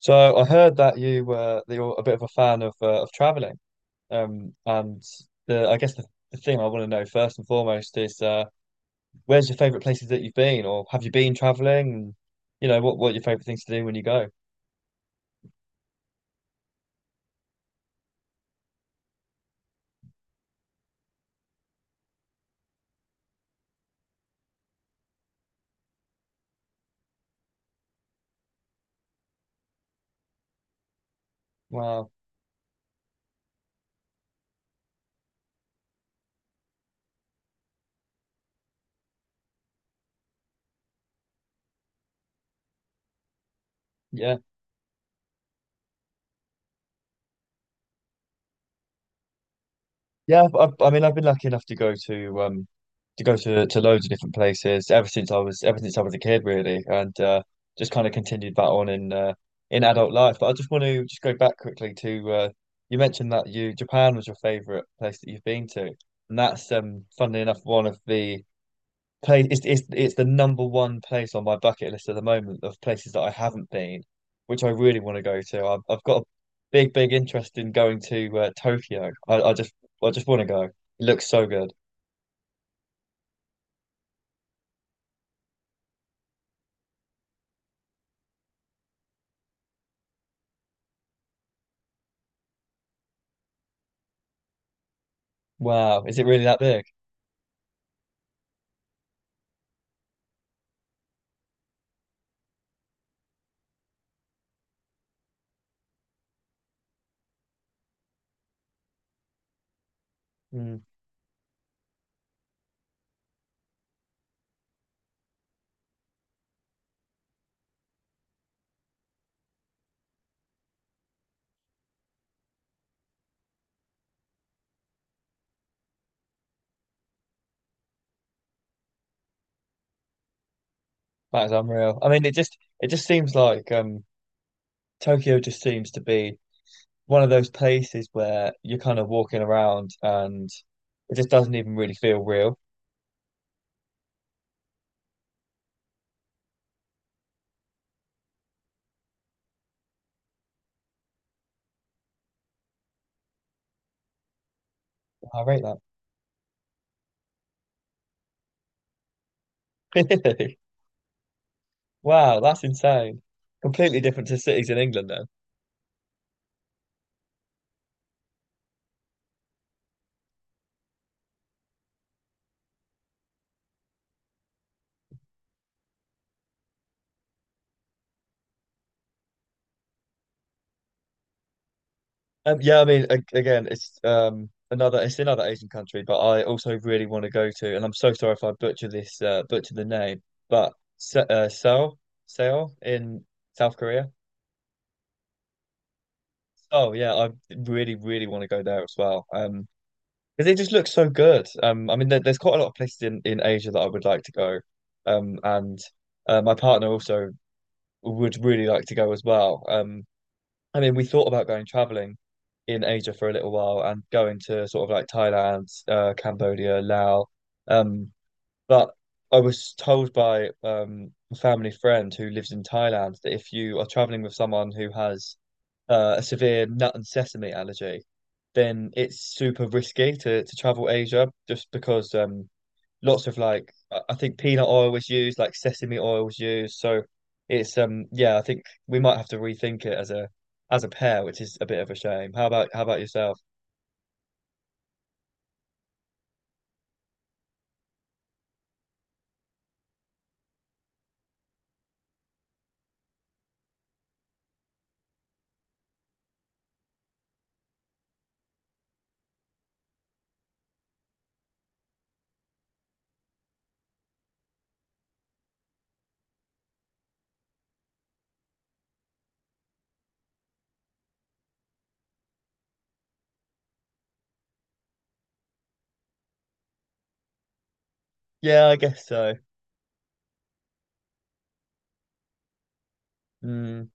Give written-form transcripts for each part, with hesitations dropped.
So I heard that you were that you're a bit of a fan of traveling. And the I guess the thing I want to know first and foremost is where's your favorite places that you've been, or have you been traveling? And, what are your favorite things to do when you go? Wow, yeah. Yeah, I mean, I've been lucky enough to go to to loads of different places ever since I was a kid, really, and just kind of continued that on in adult life. But I just want to just go back quickly to you mentioned that you Japan was your favorite place that you've been to, and that's funnily enough one of the place it's, it's the number one place on my bucket list at the moment of places that I haven't been, which I really want to go to. I've got a big interest in going to Tokyo. I just want to go. It looks so good. Wow, is it really that big? Mm, that is unreal. I mean, it just seems like Tokyo just seems to be one of those places where you're kind of walking around and it just doesn't even really feel real. Wow, I rate that. Wow, that's insane. Completely different to cities in England, though. Yeah, I mean, a- again, it's another it's another Asian country, but I also really want to go to, and I'm so sorry if I butcher this butcher the name, but Seoul in South Korea. Oh yeah, I really want to go there as well. Because it just looks so good. I mean, there's quite a lot of places in Asia that I would like to go. And My partner also would really like to go as well. I mean, we thought about going traveling in Asia for a little while and going to sort of like Thailand, Cambodia, Laos. Um, but I was told by a family friend who lives in Thailand that if you are traveling with someone who has a severe nut and sesame allergy, then it's super risky to travel Asia just because lots of like I think peanut oil was used, like sesame oil was used. So it's yeah, I think we might have to rethink it as a pair, which is a bit of a shame. How about yourself? Yeah, I guess so. Mm.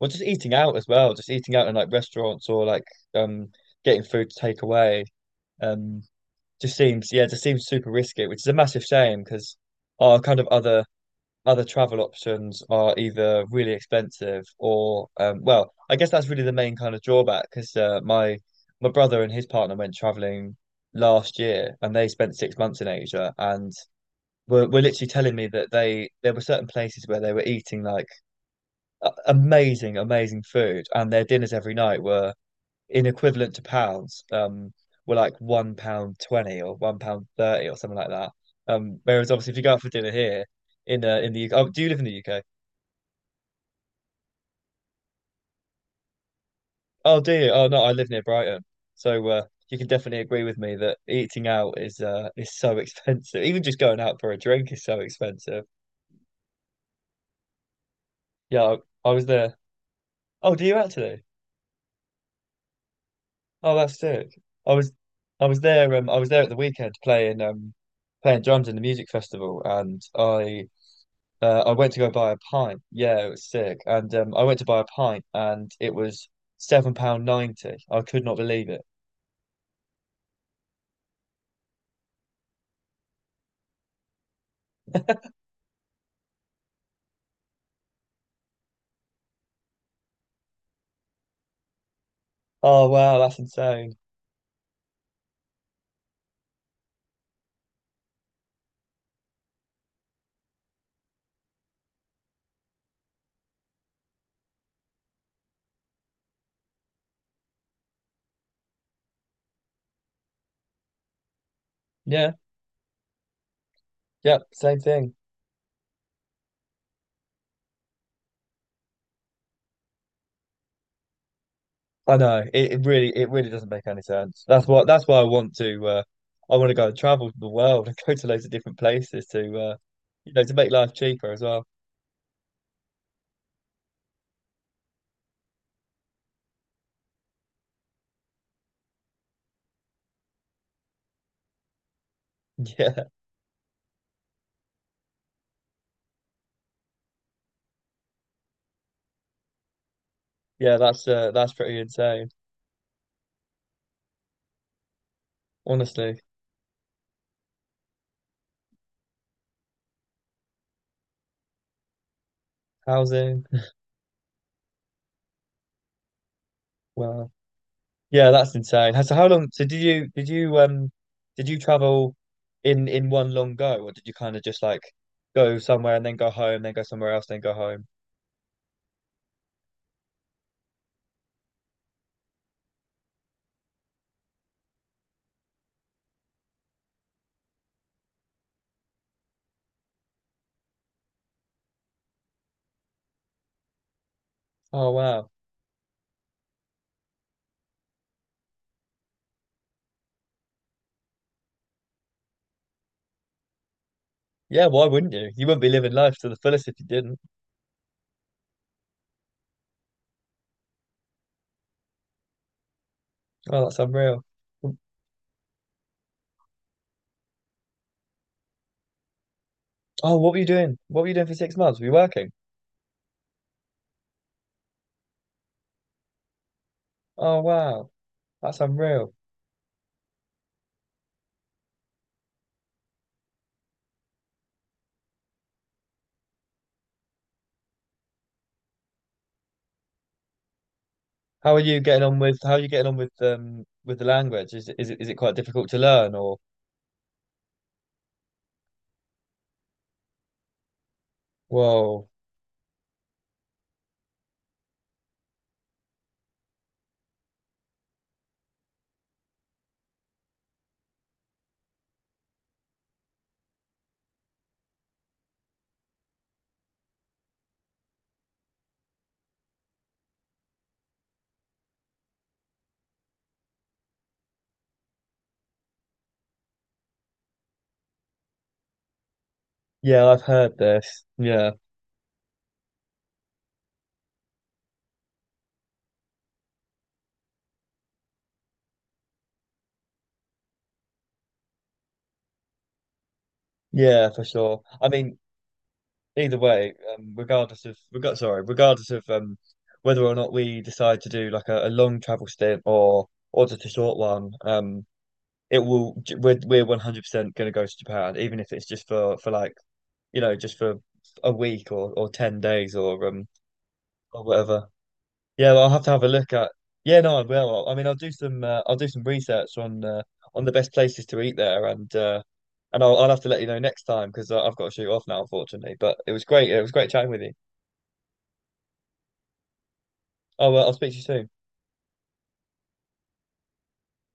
Well, just eating out as well, just eating out in like restaurants or like um getting food to take away. Um, just seems yeah, just seems super risky, which is a massive shame because our kind of other travel options are either really expensive or well, I guess that's really the main kind of drawback because my my brother and his partner went traveling last year and they spent 6 months in Asia and were literally telling me that they there were certain places where they were eating like amazing food and their dinners every night were in equivalent to pounds, were like £1 20 or £1 30 or something like that. Whereas obviously if you go out for dinner here in the UK, oh, do you live in the UK? Oh, do you? Oh no, I live near Brighton, so you can definitely agree with me that eating out is so expensive. Even just going out for a drink is so expensive. Yeah, I was there. Oh, do you actually? Oh, that's sick. I was, I was there. I was there at the weekend playing playing drums in the music festival, and I went to go buy a pint. Yeah, it was sick. And I went to buy a pint, and it was £7 90. I could not believe it. Oh wow, that's insane. Yeah, yeah, same thing. I know it really doesn't make any sense. That's why I want to go and travel the world and go to loads of different places to you know, to make life cheaper as well. Yeah, yeah, that's pretty insane. Honestly, housing, well, yeah, that's insane. So how long? So did you travel in one long go, or did you kind of just like go somewhere and then go home, then go somewhere else, then go home? Oh wow, yeah, why wouldn't you? You wouldn't be living life to the fullest if you didn't. Oh, that's unreal. Oh, what were you doing? What were you doing for 6 months? Were you working? Oh, wow. That's unreal. How are you getting on with the language? Is it is it quite difficult to learn or whoa. Yeah, I've heard this. Yeah. Yeah, for sure. I mean, either way, regardless of reg sorry, regardless of whether or not we decide to do like a long travel stint or just a short one, it will j- we're 100% going to go to Japan even if it's just for like you know, just for a week or 10 days or whatever. Yeah, well, I'll have to have a look at. Yeah, no, I will. I mean, I'll do some research on the best places to eat there and I'll have to let you know next time because I've got to shoot off now, unfortunately. But it was great. It was great chatting with you. Oh well, I'll speak to you soon.